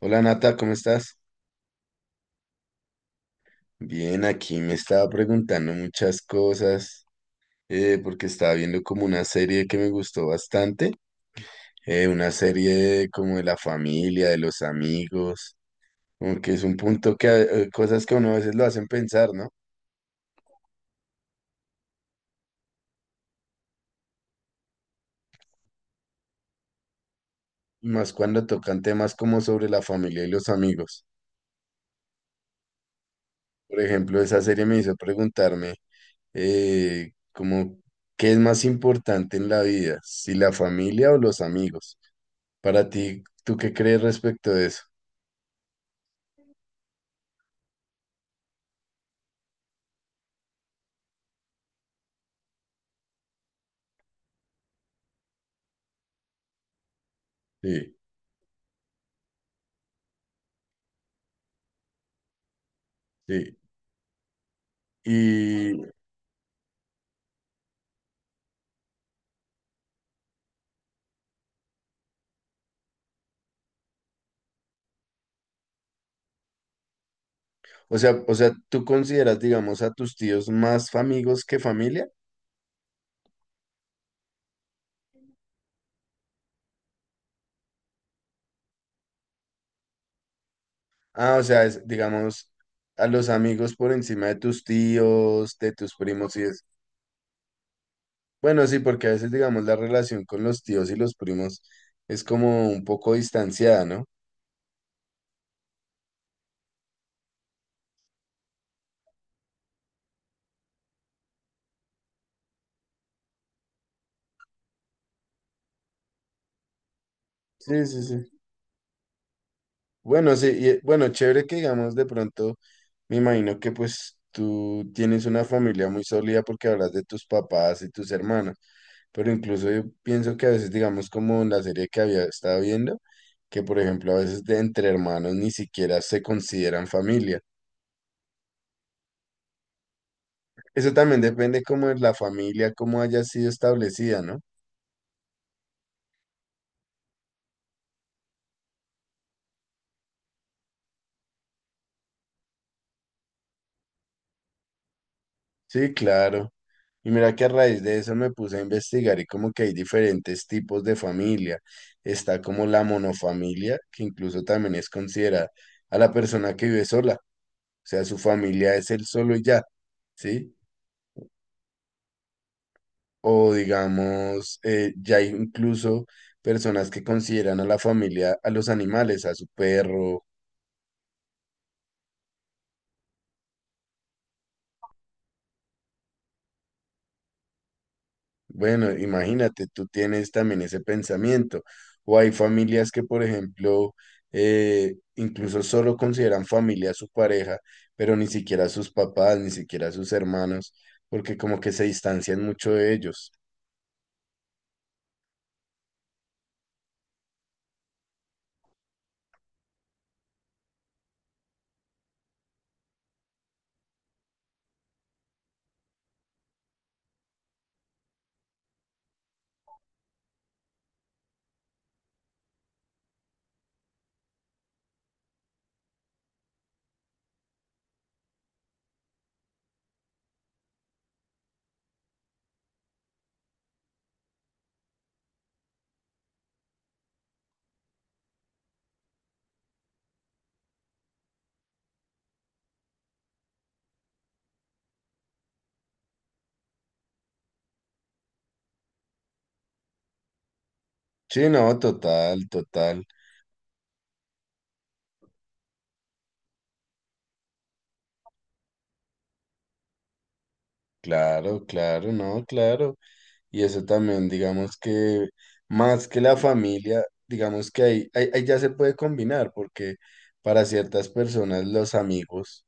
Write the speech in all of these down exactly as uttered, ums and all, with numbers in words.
Hola Nata, ¿cómo estás? Bien, aquí me estaba preguntando muchas cosas eh, porque estaba viendo como una serie que me gustó bastante, eh, una serie de- como de la familia, de los amigos, como que es un punto que a- eh, cosas que a uno a veces lo hacen pensar, ¿no? Y más cuando tocan temas como sobre la familia y los amigos. Por ejemplo, esa serie me hizo preguntarme eh, como, ¿qué es más importante en la vida? ¿Si la familia o los amigos? Para ti, ¿tú qué crees respecto de eso? Sí, sí. Y, o sea, o sea, ¿tú consideras, digamos, a tus tíos más amigos que familia? Ah, o sea, es, digamos, a los amigos por encima de tus tíos, de tus primos y es. Bueno, sí, porque a veces, digamos, la relación con los tíos y los primos es como un poco distanciada, ¿no? Sí, sí, sí. Bueno, sí, y, eh, bueno, chévere que digamos de pronto, me imagino que pues tú tienes una familia muy sólida porque hablas de tus papás y tus hermanos, pero incluso yo pienso que a veces, digamos, como en la serie que había estado viendo, que por ejemplo a veces de entre hermanos ni siquiera se consideran familia. Eso también depende como de la familia, cómo haya sido establecida, ¿no? Sí, claro. Y mira que a raíz de eso me puse a investigar y como que hay diferentes tipos de familia. Está como la monofamilia, que incluso también es considerada a la persona que vive sola. O sea, su familia es él solo y ya, ¿sí? O digamos, eh, ya hay incluso personas que consideran a la familia, a los animales, a su perro. Bueno, imagínate, tú tienes también ese pensamiento. O hay familias que, por ejemplo, eh, incluso solo consideran familia a su pareja, pero ni siquiera a sus papás, ni siquiera a sus hermanos, porque como que se distancian mucho de ellos. Sí, no, total, total. Claro, claro, no, claro. Y eso también, digamos que más que la familia, digamos que ahí, ahí ahí ya se puede combinar, porque para ciertas personas los amigos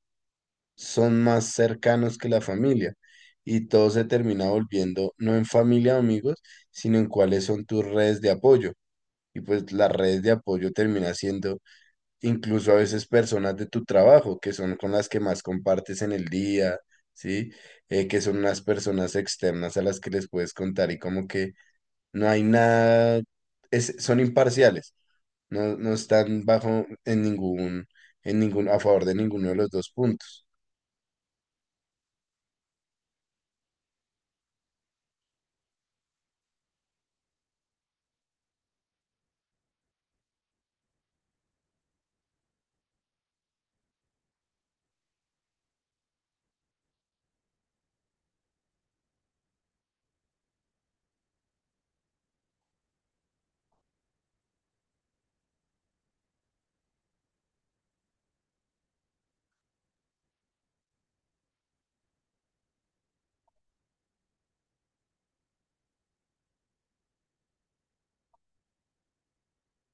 son más cercanos que la familia y todo se termina volviendo no en familia o amigos, sino en cuáles son tus redes de apoyo. Y pues las redes de apoyo termina siendo incluso a veces personas de tu trabajo, que son con las que más compartes en el día, ¿sí? Eh, que son unas personas externas a las que les puedes contar y como que no hay nada, es- son imparciales, no, no están bajo en ningún, en ningún, a favor de ninguno de los dos puntos.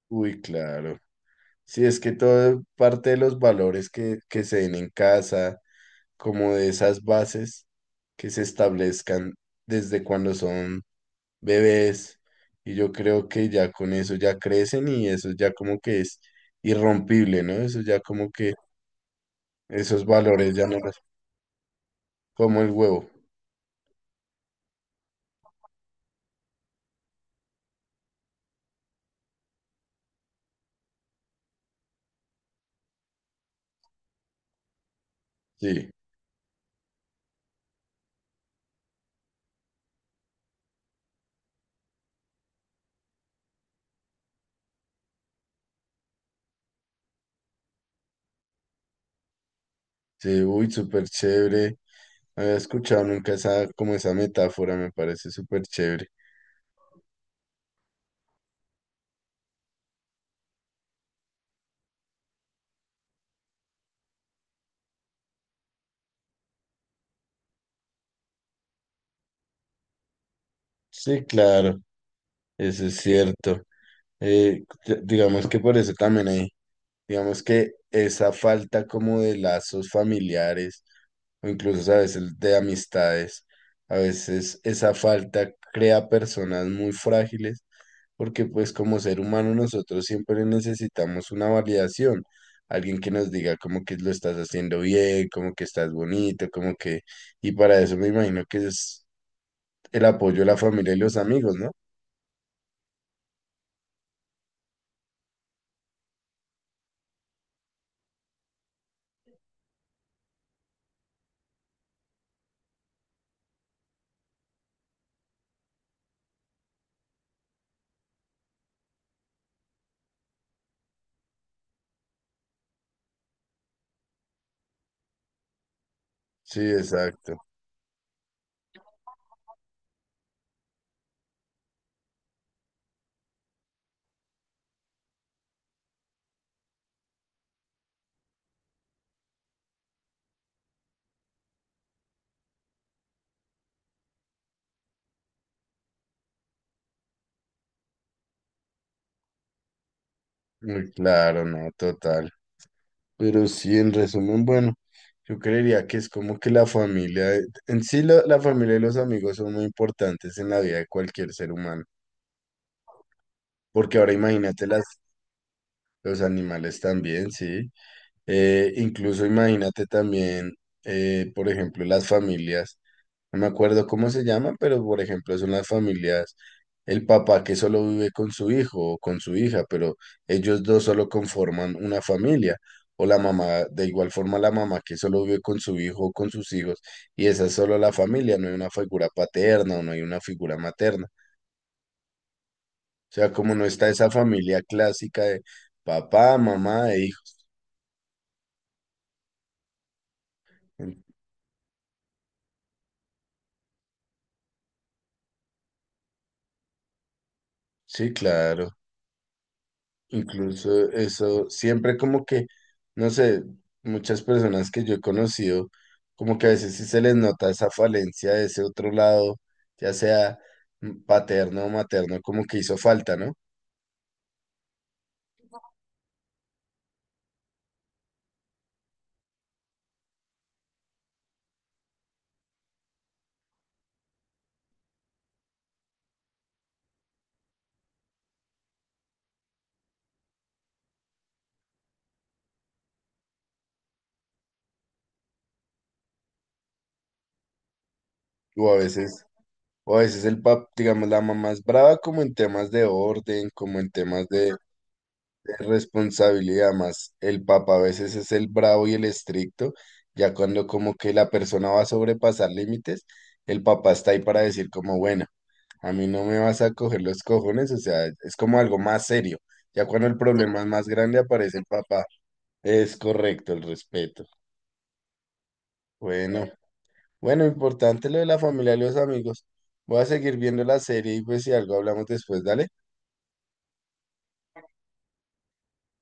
Uy, claro. Sí, es que todo parte de los valores que, que se den en casa, como de esas bases que se establezcan desde cuando son bebés. Y yo creo que ya con eso ya crecen y eso ya como que es irrompible, ¿no? Eso ya como que esos valores ya no los... Como el huevo. Sí, sí, uy, súper chévere. No había escuchado nunca esa, como esa metáfora, me parece súper chévere. Sí, claro, eso es cierto. Eh, d- digamos que por eso también hay, digamos que esa falta como de lazos familiares o incluso a veces de amistades, a veces esa falta crea personas muy frágiles porque pues como ser humano nosotros siempre necesitamos una validación, alguien que nos diga como que lo estás haciendo bien, como que estás bonito, como que, y para eso me imagino que es el apoyo de la familia y los amigos, ¿no? Sí, exacto. Muy claro, no, total. Pero sí, en resumen, bueno, yo creería que es como que la familia, en sí la, la familia y los amigos son muy importantes en la vida de cualquier ser humano, porque ahora imagínate las, los animales también, sí. Eh, incluso imagínate también, eh, por ejemplo, las familias. No me acuerdo cómo se llama, pero por ejemplo son las familias, el papá que solo vive con su hijo o con su hija, pero ellos dos solo conforman una familia, o la mamá, de igual forma la mamá que solo vive con su hijo o con sus hijos, y esa es solo la familia, no hay una figura paterna o no hay una figura materna. O sea, como no está esa familia clásica de papá, mamá e hijos. Sí, claro. Incluso eso, siempre como que, no sé, muchas personas que yo he conocido, como que a veces sí se les nota esa falencia de ese otro lado, ya sea mm, paterno o materno, como que hizo falta, ¿no? O a veces, o a veces el pap, digamos, la mamá es brava como en temas de orden, como en temas de, responsabilidad más. El papa a veces es el bravo y el estricto, ya cuando como que la persona va a sobrepasar límites, el papá está ahí para decir como, bueno, a mí no me vas a coger los cojones, o sea, es como algo más serio. Ya cuando el problema es más grande aparece el papá. Es correcto el respeto. Bueno, bueno, importante lo de la familia y los amigos. Voy a seguir viendo la serie y pues si algo hablamos después, dale.